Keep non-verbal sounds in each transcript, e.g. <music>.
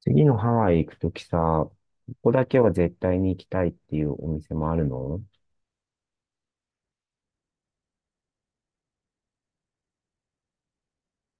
次のハワイ行くときさ、ここだけは絶対に行きたいっていうお店もあるの？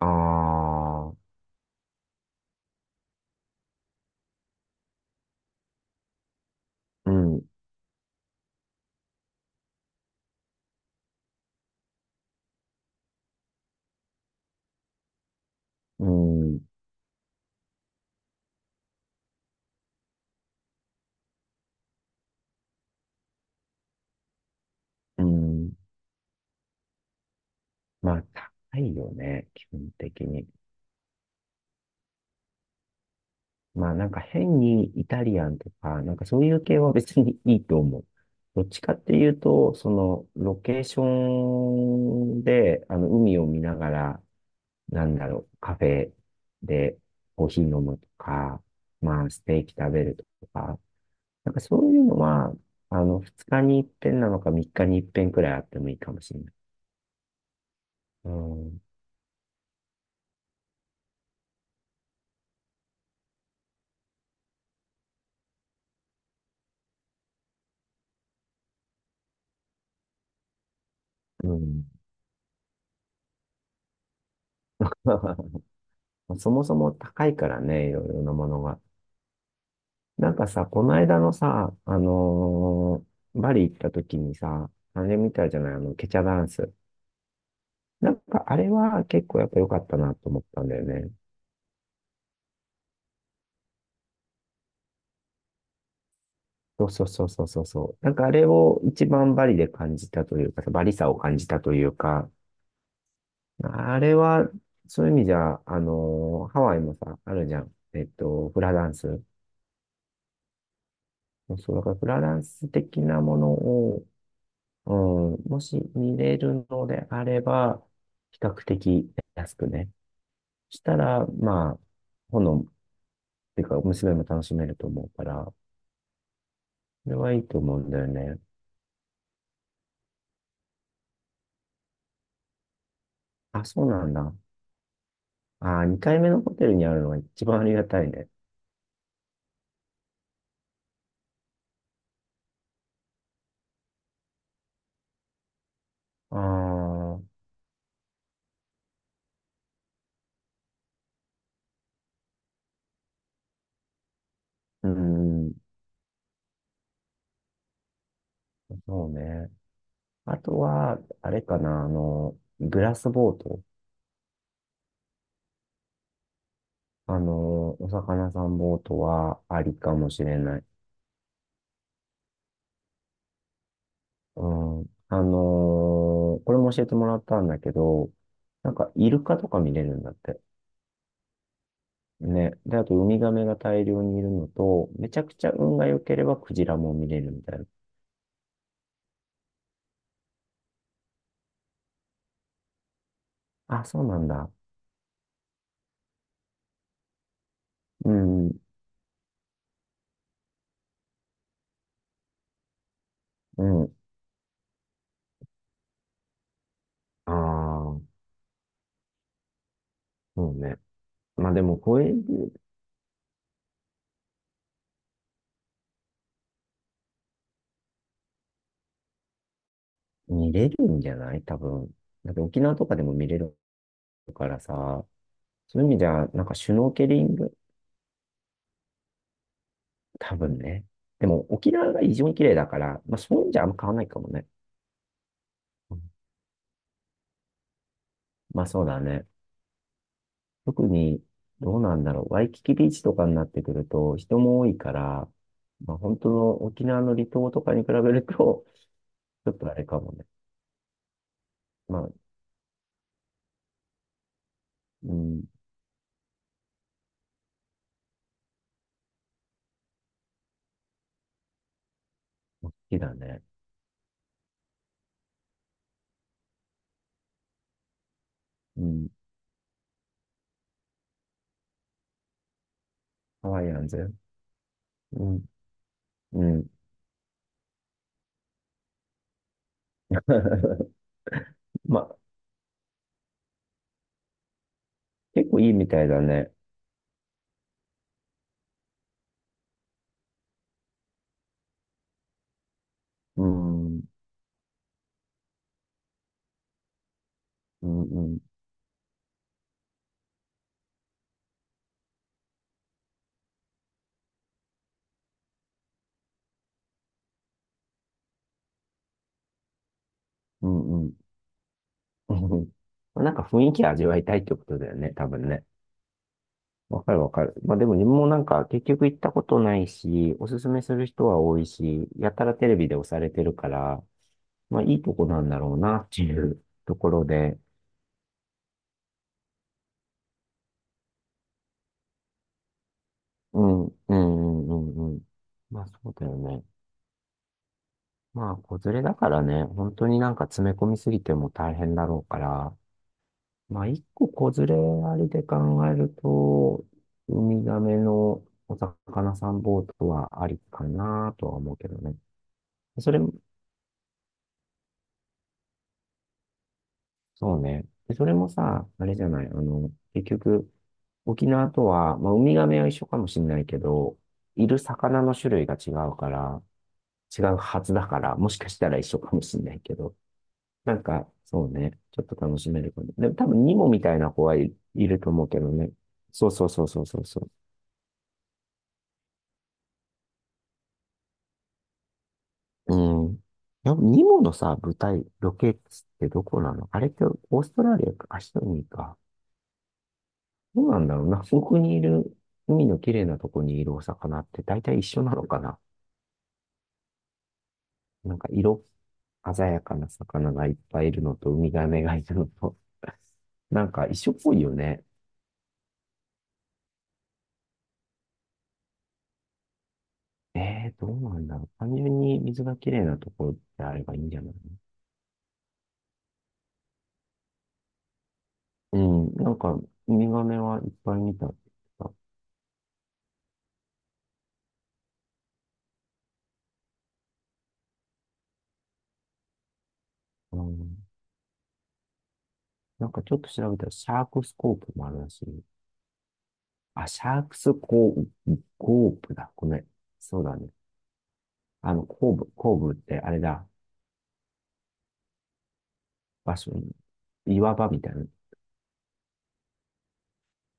ああー、うん、うん、うん。まあ、高いよね、基本的に。まあ、なんか変にイタリアンとか、なんかそういう系は別にいいと思う。どっちかっていうと、その、ロケーションで、あの、海を見ながら、なんだろう、カフェでコーヒー飲むとか、まあ、ステーキ食べるとか、なんかそういうのは、あの、二日に一遍なのか三日に一遍くらいあってもいいかもしれない。うん。うん。<laughs> そもそも高いからね、いろいろなものが。なんかさ、この間のさ、バリ行った時にさ、あれ見たじゃない、あの、ケチャダンス。なんかあれは結構やっぱ良かったなと思ったんだよね。そうそうそうそうそうそう。なんかあれを一番バリで感じたというかさ、バリさを感じたというか、あれは、そういう意味じゃ、ハワイもさ、あるじゃん。フラダンス。そう、だからフラダンス的なものを、うん、もし見れるのであれば、比較的安くね。したら、まあ、炎、っていうか、娘も楽しめると思うから、それはいいと思うんだよね。あ、そうなんだ。あー、2回目のホテルにあるのが一番ありがたいね。ああ、うん、そうね。あとは、あれかな、あの、グラスボート。あの、お魚さんボートはありかもしれない。うん。これも教えてもらったんだけど、なんかイルカとか見れるんだって。ね。で、あとウミガメが大量にいるのと、めちゃくちゃ運が良ければクジラも見れるみたいな。あ、そうなんだ。うん、うん。ああ、そうね。まあでも、これ見れるんじゃない多分。だって沖縄とかでも見れるからさ、そういう意味では、なんかシュノーケリング、多分ね。でも沖縄が異常に綺麗だから、まあそういうんじゃあんま変わんないかもね。うん、まあそうだね。特に、どうなんだろう。ワイキキビーチとかになってくると人も多いから、まあ本当の沖縄の離島とかに比べると、<laughs> ちょっとあれかもね。まあ、うん、好きだね。うん、ハワイアンズ。うん、うん。<laughs> まあ結構いいみたいだね。うん、うん、うん、うん、うん。うん。 <laughs> なんか雰囲気味わいたいってことだよね、多分ね。わかるわかる。まあでも自分もなんか結局行ったことないし、おすすめする人は多いし、やたらテレビで押されてるから、まあいいとこなんだろうなっていうところで、うん、うん、うん、うんうん。まあそうだよね。まあ子連れだからね、本当になんか詰め込みすぎても大変だろうから、まあ、一個子連れありで考えると、ウミガメのお魚さんボートはありかなとは思うけどね。それも、そうね。でそれもさ、あれじゃない、あの、結局、沖縄とは、まあ、ウミガメは一緒かもしれないけど、いる魚の種類が違うから、違うはずだから、もしかしたら一緒かもしれないけど、なんか、そうね、ちょっと楽しめるかも。でも多分、ニモみたいな子はいると思うけどね。そうそうそうそうそうそう。うん。やっぱニモのさ、舞台、ロケ地ってどこなのあれって？オーストラリアか、アシドニーか。どうなんだろうな。そこにいる、海の綺麗なとこにいるお魚って大体一緒なのかな。なんか色、鮮やかな魚がいっぱいいるのと、ウミガメがいるのと、<laughs> なんか一緒っぽいよね。えー、どうなんだろう。単純に水が綺麗なところであればいいんじゃないの？うん、なんか、ウミガメはいっぱい見たって言ってた。うん、なんかちょっと調べたら、シャークスコープもあるらしい。あ、シャークスコープ、コープだ。ごめん。そうだね。あの、コーブ、コーブってあれだ。場所に、岩場みたいな。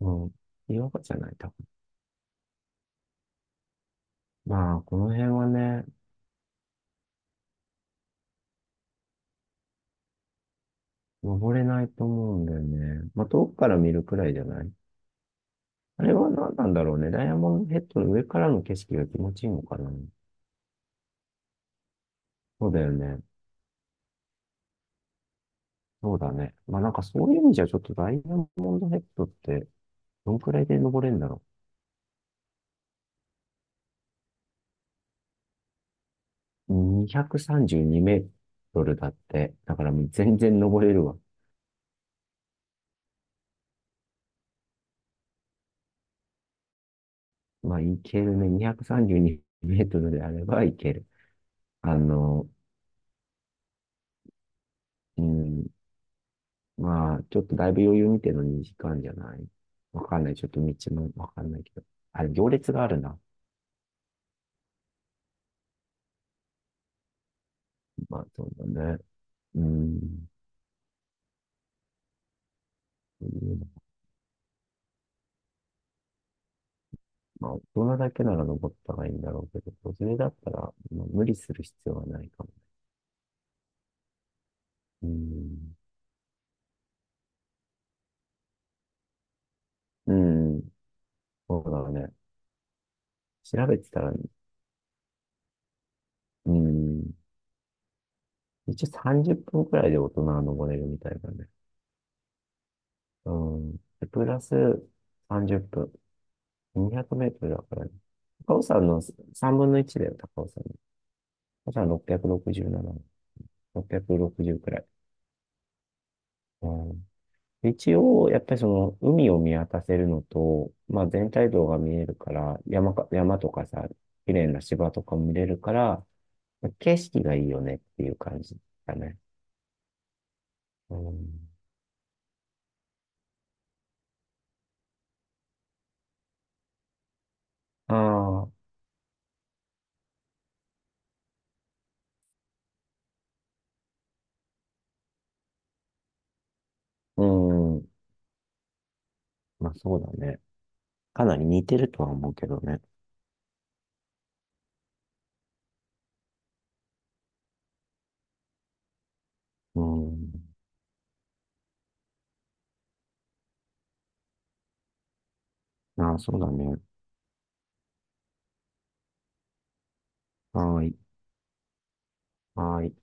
うん。岩場じゃない、多分。まあ、この辺はね、登れないと思うんだよね。まあ、遠くから見るくらいじゃない？あれは何なんだろうね。ダイヤモンドヘッドの上からの景色が気持ちいいのかな。そうだよね。そうだね。まあ、なんかそういう意味じゃ、ちょっとダイヤモンドヘッドって、どんくらいで登れるんだろうね。232メートルだって。だからもう全然登れるわ。まあ、いけるね。232メートルであればいける。あの、うん。まあ、ちょっとだいぶ余裕見てのに時間じゃない？わかんない。ちょっと道もわかんないけど。あれ、行列があるな。まあ、そうだね。うん。まあ、大人だけなら登ったらいいんだろうけど、子連れだったら、まあ無理する必要はないかも。うん。うん。そうだね。調べてたら、うん。一応30分くらいで大人は登れるみたいだね。うん。で、プラス30分。200メートルだからね。高尾山の3分の1だよ、高尾山の。高尾山667。660くろくじゅうくらい。うん。一応、やっぱりその、海を見渡せるのと、まあ全体像が見えるから、山か、山とかさ、綺麗な芝とかも見れるから、景色がいいよねっていう感じだね。うん。ああ、うん。まあそうだね。かなり似てるとは思うけどね。うん。ああ、そうだね。はーい。はーい。